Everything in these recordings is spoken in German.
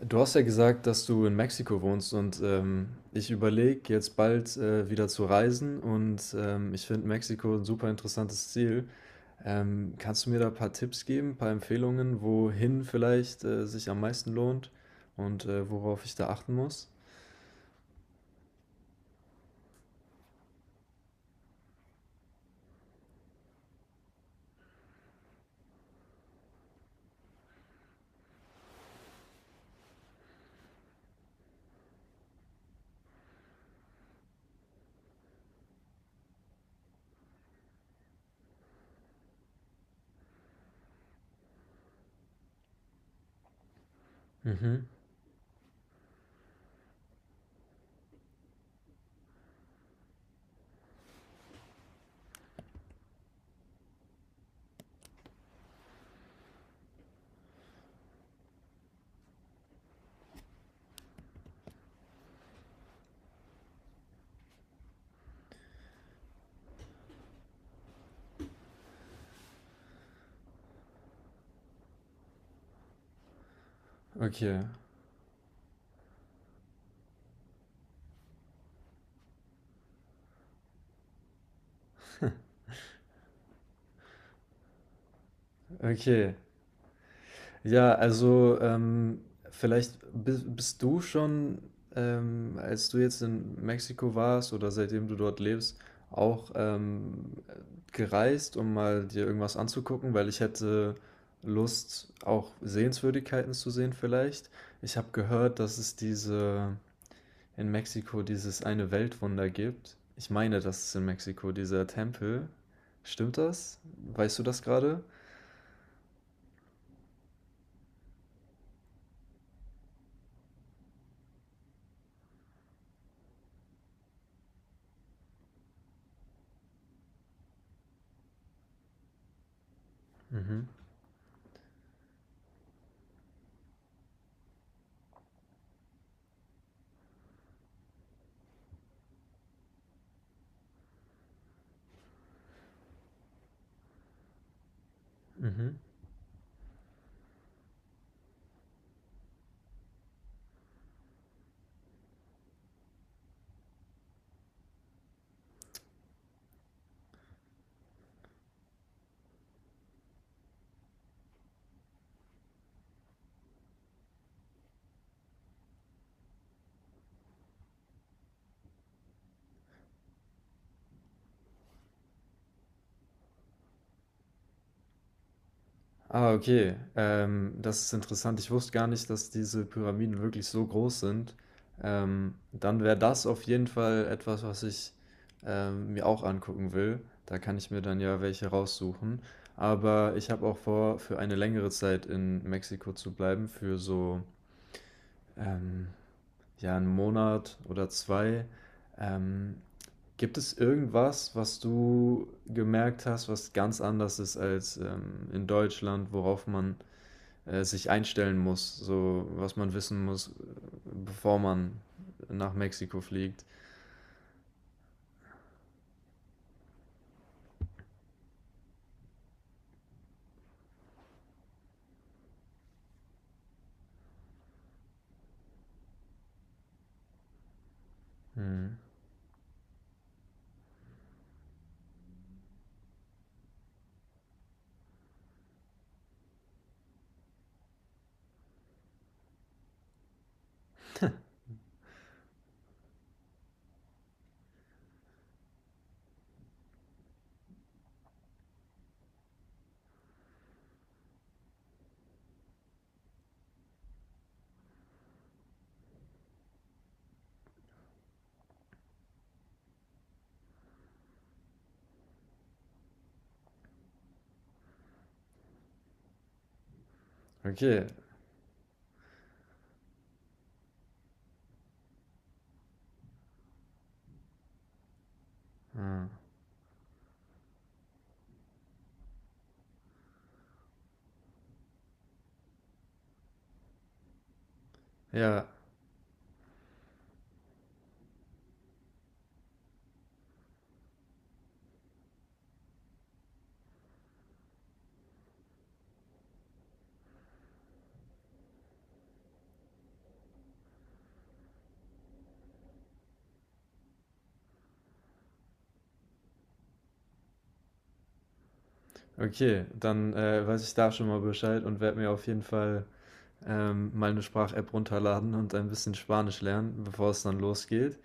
Du hast ja gesagt, dass du in Mexiko wohnst, und ich überlege jetzt bald wieder zu reisen, und ich finde Mexiko ein super interessantes Ziel. Kannst du mir da ein paar Tipps geben, ein paar Empfehlungen, wohin vielleicht sich am meisten lohnt und worauf ich da achten muss? Mhm. Okay, okay. Ja, also vielleicht bist du schon, als du jetzt in Mexiko warst oder seitdem du dort lebst, auch gereist, um mal dir irgendwas anzugucken, weil ich hätte Lust, auch Sehenswürdigkeiten zu sehen vielleicht. Ich habe gehört, dass es diese in Mexiko dieses eine Weltwunder gibt. Ich meine, das ist in Mexiko dieser Tempel. Stimmt das? Weißt du das gerade? Mhm. Mhm. Ah, okay. Das ist interessant. Ich wusste gar nicht, dass diese Pyramiden wirklich so groß sind. Dann wäre das auf jeden Fall etwas, was ich mir auch angucken will. Da kann ich mir dann ja welche raussuchen. Aber ich habe auch vor, für eine längere Zeit in Mexiko zu bleiben, für so ähm, ja einen Monat oder zwei. Ähm, Gibt es irgendwas, was du gemerkt hast, was ganz anders ist als in Deutschland, worauf man sich einstellen muss, so was man wissen muss, bevor man nach Mexiko fliegt. Hm. Okay. Ah. Ja, okay. Dann weiß ich da schon mal Bescheid und werde mir auf jeden Fall mal eine Sprach-App runterladen und ein bisschen Spanisch lernen, bevor es dann losgeht.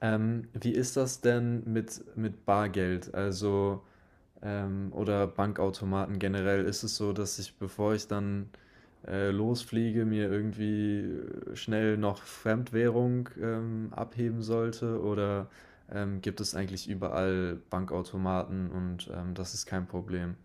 Wie ist das denn mit Bargeld, also oder Bankautomaten generell? Ist es so, dass ich, bevor ich dann losfliege, mir irgendwie schnell noch Fremdwährung abheben sollte? Oder gibt es eigentlich überall Bankautomaten und das ist kein Problem?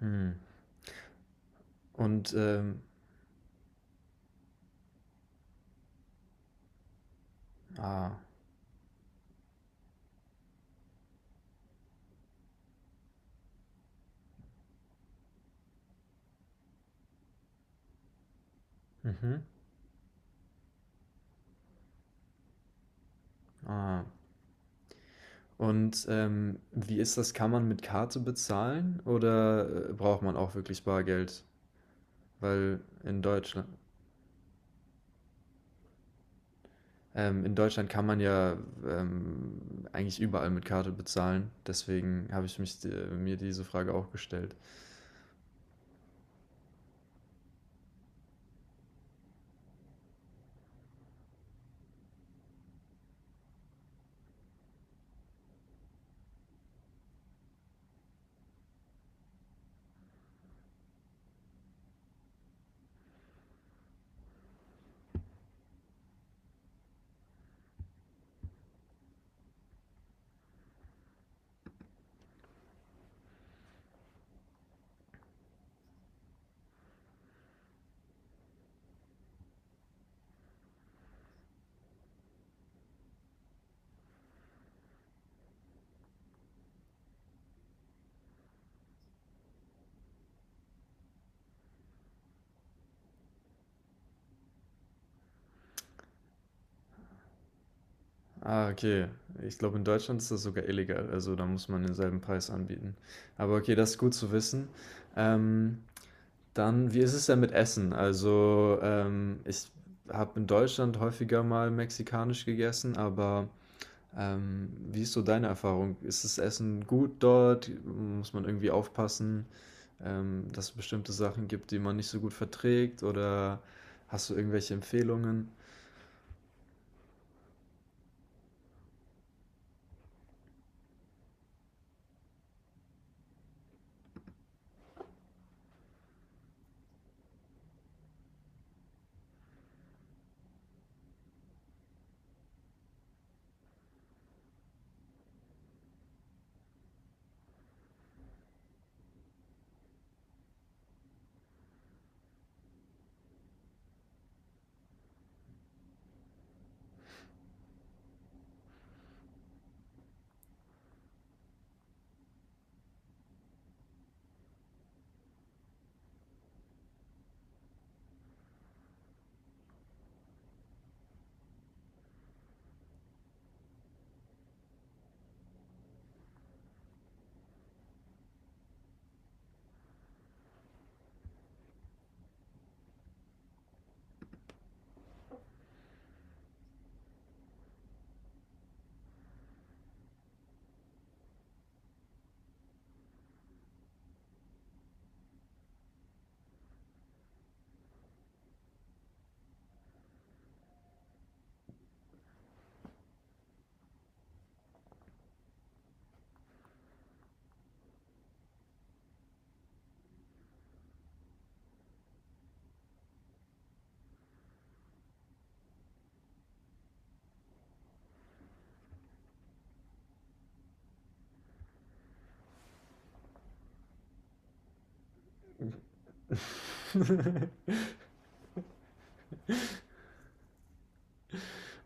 Hm. Und ähm, ah, mhm, ah. Und wie ist das? Kann man mit Karte bezahlen oder braucht man auch wirklich Bargeld? Weil in Deutschland kann man ja ähm, eigentlich überall mit Karte bezahlen. Deswegen habe ich mich, mir diese Frage auch gestellt. Ah, okay. Ich glaube, in Deutschland ist das sogar illegal. Also da muss man denselben Preis anbieten. Aber okay, das ist gut zu wissen. Ähm, Dann, wie ist es denn mit Essen? Also ich habe in Deutschland häufiger mal mexikanisch gegessen, aber wie ist so deine Erfahrung? Ist das Essen gut dort? Muss man irgendwie aufpassen, dass es bestimmte Sachen gibt, die man nicht so gut verträgt? Oder hast du irgendwelche Empfehlungen?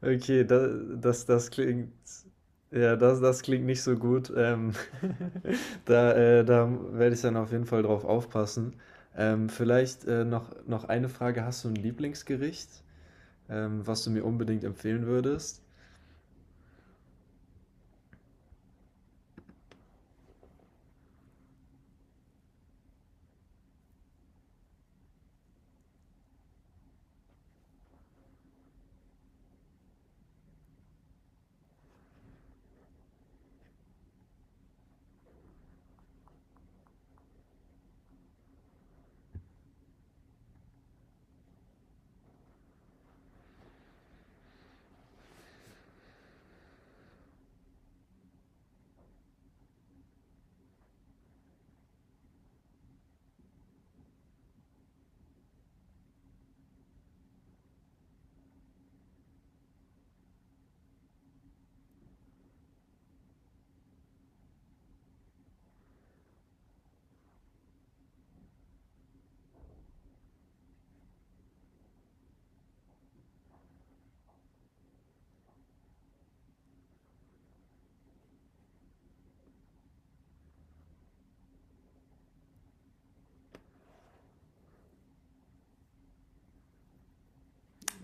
Okay, da, das, das klingt, ja, das, das klingt nicht so gut. Da, da werde ich dann auf jeden Fall drauf aufpassen. Vielleicht noch, noch eine Frage. Hast du ein Lieblingsgericht, was du mir unbedingt empfehlen würdest?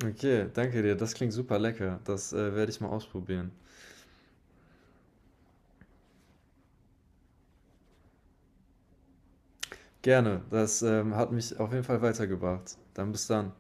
Okay, danke dir. Das klingt super lecker. Das, werde ich mal ausprobieren. Gerne. Das, hat mich auf jeden Fall weitergebracht. Dann bis dann.